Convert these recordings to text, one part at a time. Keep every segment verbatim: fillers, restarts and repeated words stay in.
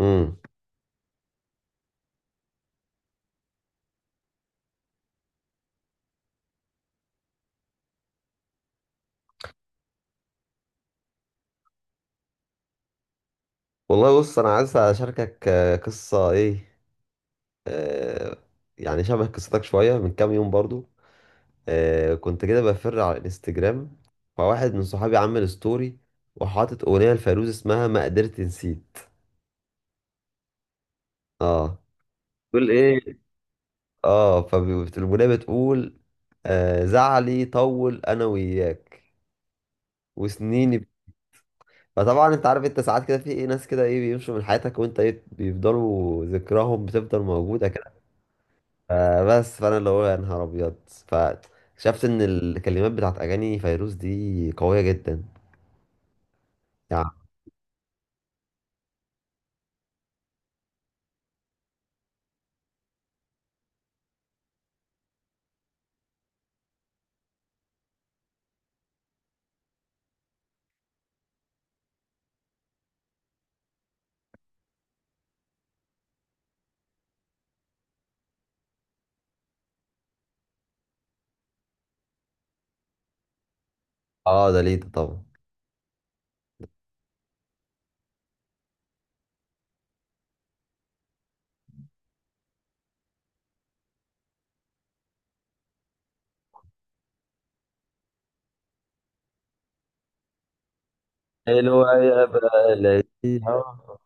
امم والله بص انا عايز اشاركك آه، قصه ايه. آه، يعني شبه قصتك شويه من كام يوم برضو. آه كنت كده بفر على الانستجرام، فواحد من صحابي عمل ستوري وحاطط اغنيه لفيروز اسمها ما قدرت نسيت. اه تقول ايه؟ اه فالاغنيه بتقول آه، زعلي طول انا وياك وسنيني ب- فطبعا انت عارف، انت ساعات كده في ايه ناس كده ايه بيمشوا من حياتك وانت ايه بيفضلوا ذكراهم بتفضل موجوده. فبس فانا اللي هو يا نهار ابيض، فاكتشفت ان الكلمات بتاعت اغاني فيروز دي قويه جدا يعني. اه داليدا طبعا. حلوة يا بلدي آه.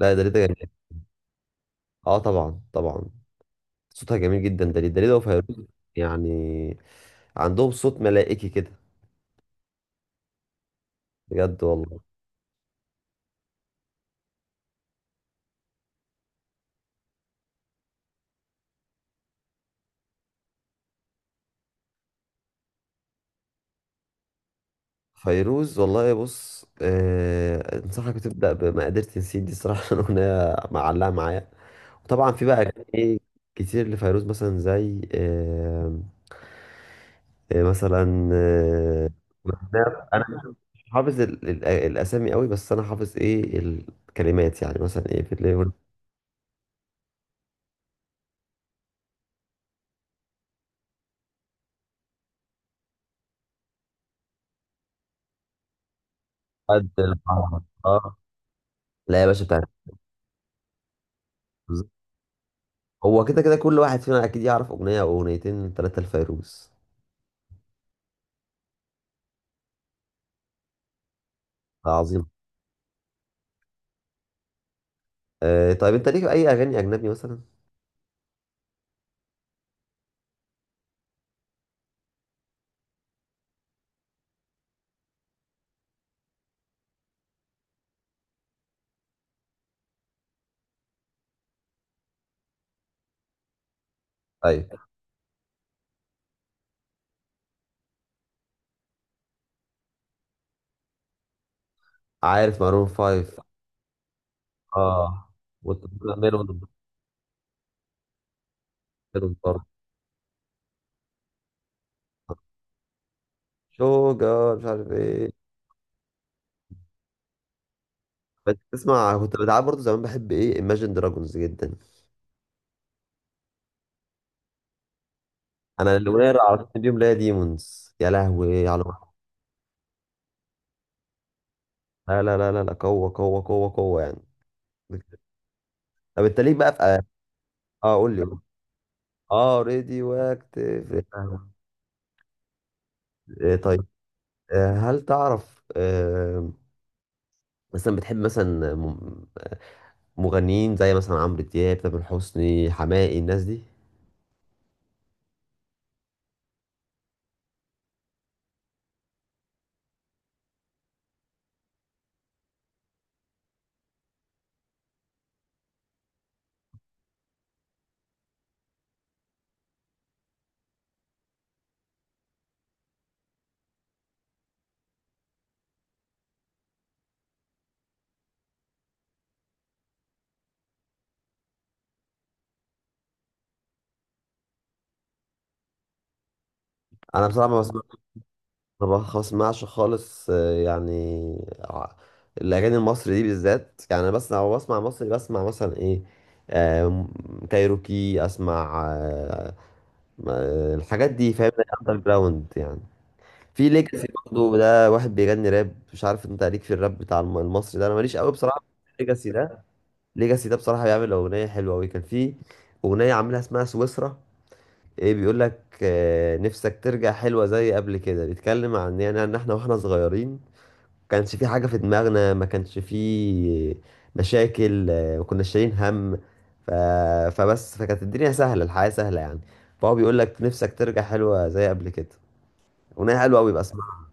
لا داليدا جميل. اه طبعا طبعا، صوتها جميل جدا، داليدا داليدا وفيروز يعني، عندهم صوت ملائكي كده. بجد والله. فيروز والله بص، آه انصحك تبدا بما قدرت نسيت دي صراحه، الاغنيه معلقه معايا. وطبعا في بقى اغاني كتير لفيروز مثلا زي آه إيه مثلا آه، انا أنا مش حافظ ال- ال- الاسامي قوي، بس انا حافظ ايه الكلمات يعني مثلا ايه في الليفر. قد البحر اه. لا يا باشا بتاعت الفيروز. هو كده كده كل واحد فينا اكيد يعرف اغنيه او اغنيتين ثلاثه لفيروز. ده عظيم. آه طيب انت ليك اي اغاني اجنبي مثلا؟ طيب عارف مارون فايف. اه وميلون ميلون. برضه شوجر مش عارف ايه. بس تسمع كنت بتعب برضه زمان، بحب ايه Imagine Dragons جدا. انا الاغنيه اللي عرفتني اليوم اللي هي ديمونز، يا لهوي على الوحش. لا لا لا لا لا، قوه قوه قوه قوه يعني. طب انت ليك بقى في اه، آه، قول لي قول. اه راديو اكتيف. طيب آه، هل تعرف آه، مثلا بتحب مثلا م- مغنيين زي مثلا عمرو دياب، تامر حسني، حماقي، الناس دي. انا بصراحه ما بس- انا ما بسمعش خالص آه، يعني ع- الاغاني المصري دي بالذات يعني، انا بس لو بسمع مصري بسمع مثلا ايه آم، كايروكي اسمع آه، آه، الحاجات دي فاهم. اندر جراوند يعني. في ليجاسي برضه ده واحد بيغني راب، مش عارف انت ليك في الراب بتاع الم- المصري ده، انا ماليش قوي بصراحه في ليجاسي ده. ليجاسي ده بصراحه بيعمل اغنيه حلوه قوي، كان في اغنيه عاملها اسمها سويسرا، ايه بيقول لك آه، نفسك ترجع حلوة زي قبل كده، بيتكلم عن يعني ان احنا واحنا صغيرين كانش في حاجة في دماغنا، ما كانش في مشاكل، آه، ما كناش شايلين هم ف... فبس فكانت الدنيا سهلة، الحياة سهلة يعني، فهو بيقول لك نفسك ترجع حلوة زي قبل كده. أغنية حلوة أوي بقى اسمعها.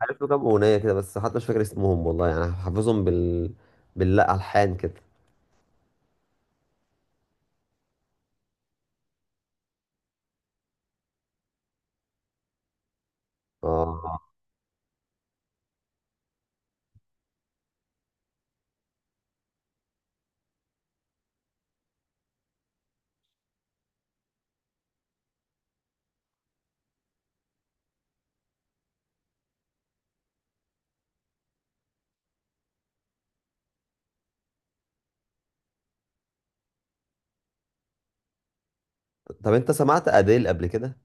عارف له كام أغنية كده، بس حتى مش فاكر اسمهم والله، يعني حافظهم بال، باللا ألحان كده. اه طب أنت سمعت أديل قبل كده؟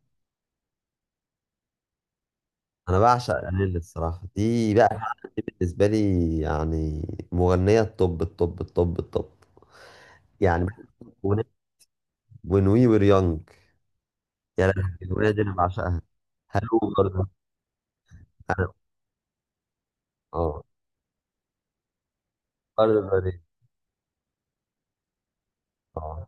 أنا بعشق أديل الصراحة دي بقى، بالنسبة لي يعني مغنية الطب الطب الطب الطب يعني. When we were young، يا لهوي الأغنية دي أنا بعشقها. هلو برضه. أنا أه. برضه برضه. أه،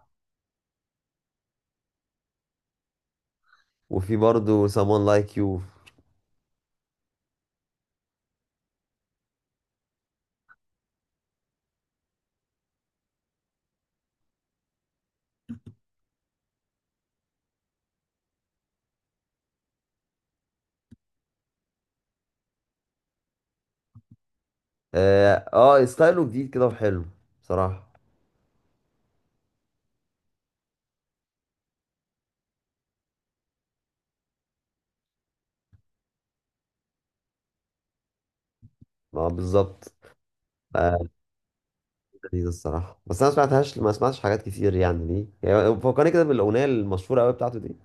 وفي برضه someone like you. أه آه، ستايله جديد كده وحلو بصراحة. أه بالظبط. آه، لذيذ الصراحة، بس أنا ما سمعتهاش، ما سمعتش حاجات كتير يعني، دي يعني فكرني كده بالأغنية المشهورة أوي بتاعته دي.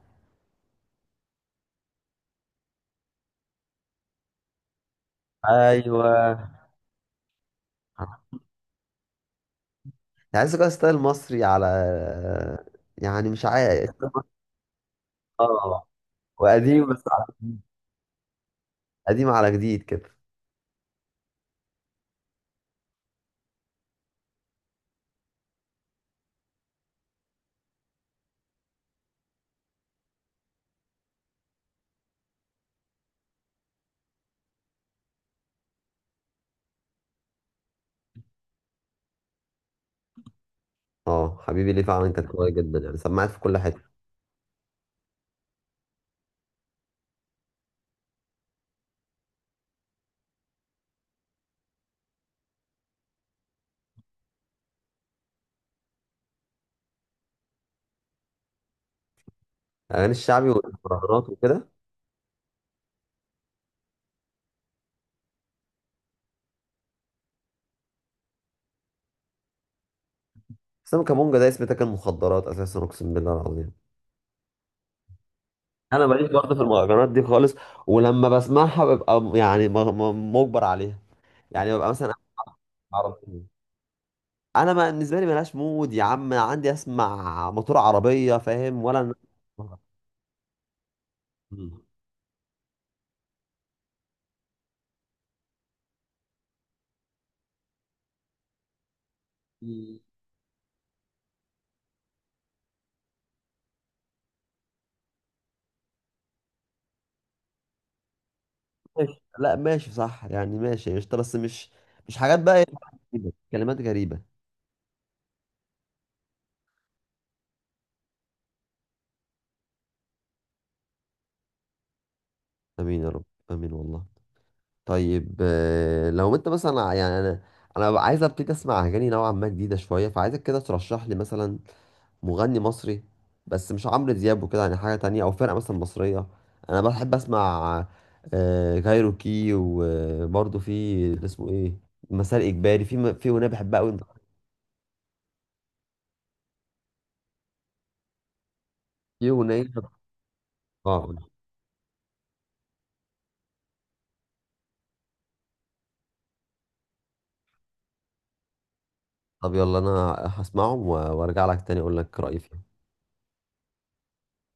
أيوه. تحس كده ستايل مصري على، يعني مش عارف. اه وقديم بس على، قديم على جديد كده. اه حبيبي ليه فعلا كانت قوية جدا، يعني سمعت في كل حتة. اغاني الشعبي والمهرجانات وكده، بس انا كمونجا ده اسم تاكل مخدرات اساسا، اقسم بالله العظيم. انا ماليش برضه في المهرجانات دي خالص، ولما بسمعها ببقى م- يعني م- م- مجبر عليها، يعني ببقى مثلا، عربي، انا ما بالنسبه لي ملهاش مود يا عم، أنا عندي اسمع موتور عربيه فاهم ولا إن- مم. ماشي. لا ماشي صح يعني، ماشي قشطه، بس مش مش حاجات بقى إيه، كلمات غريبه. امين يا رب، امين والله. طيب آه، لو انت مثلا ع- يعني انا انا ببقى عايز ابتدي اسمع اغاني نوعا ما جديده شويه، فعايزك كده ترشح لي مثلا مغني مصري، بس مش عمرو دياب وكده يعني، حاجه تانية او فرقه مثلا مصريه. انا بحب اسمع آه، كايروكي وبرضه في اللي اسمه ايه، مسار اجباري، في م- في اغنيه بحبها قوي. في اغنيه اه طب يلا انا هسمعهم و- وارجع لك تاني اقول لك رايي فيهم.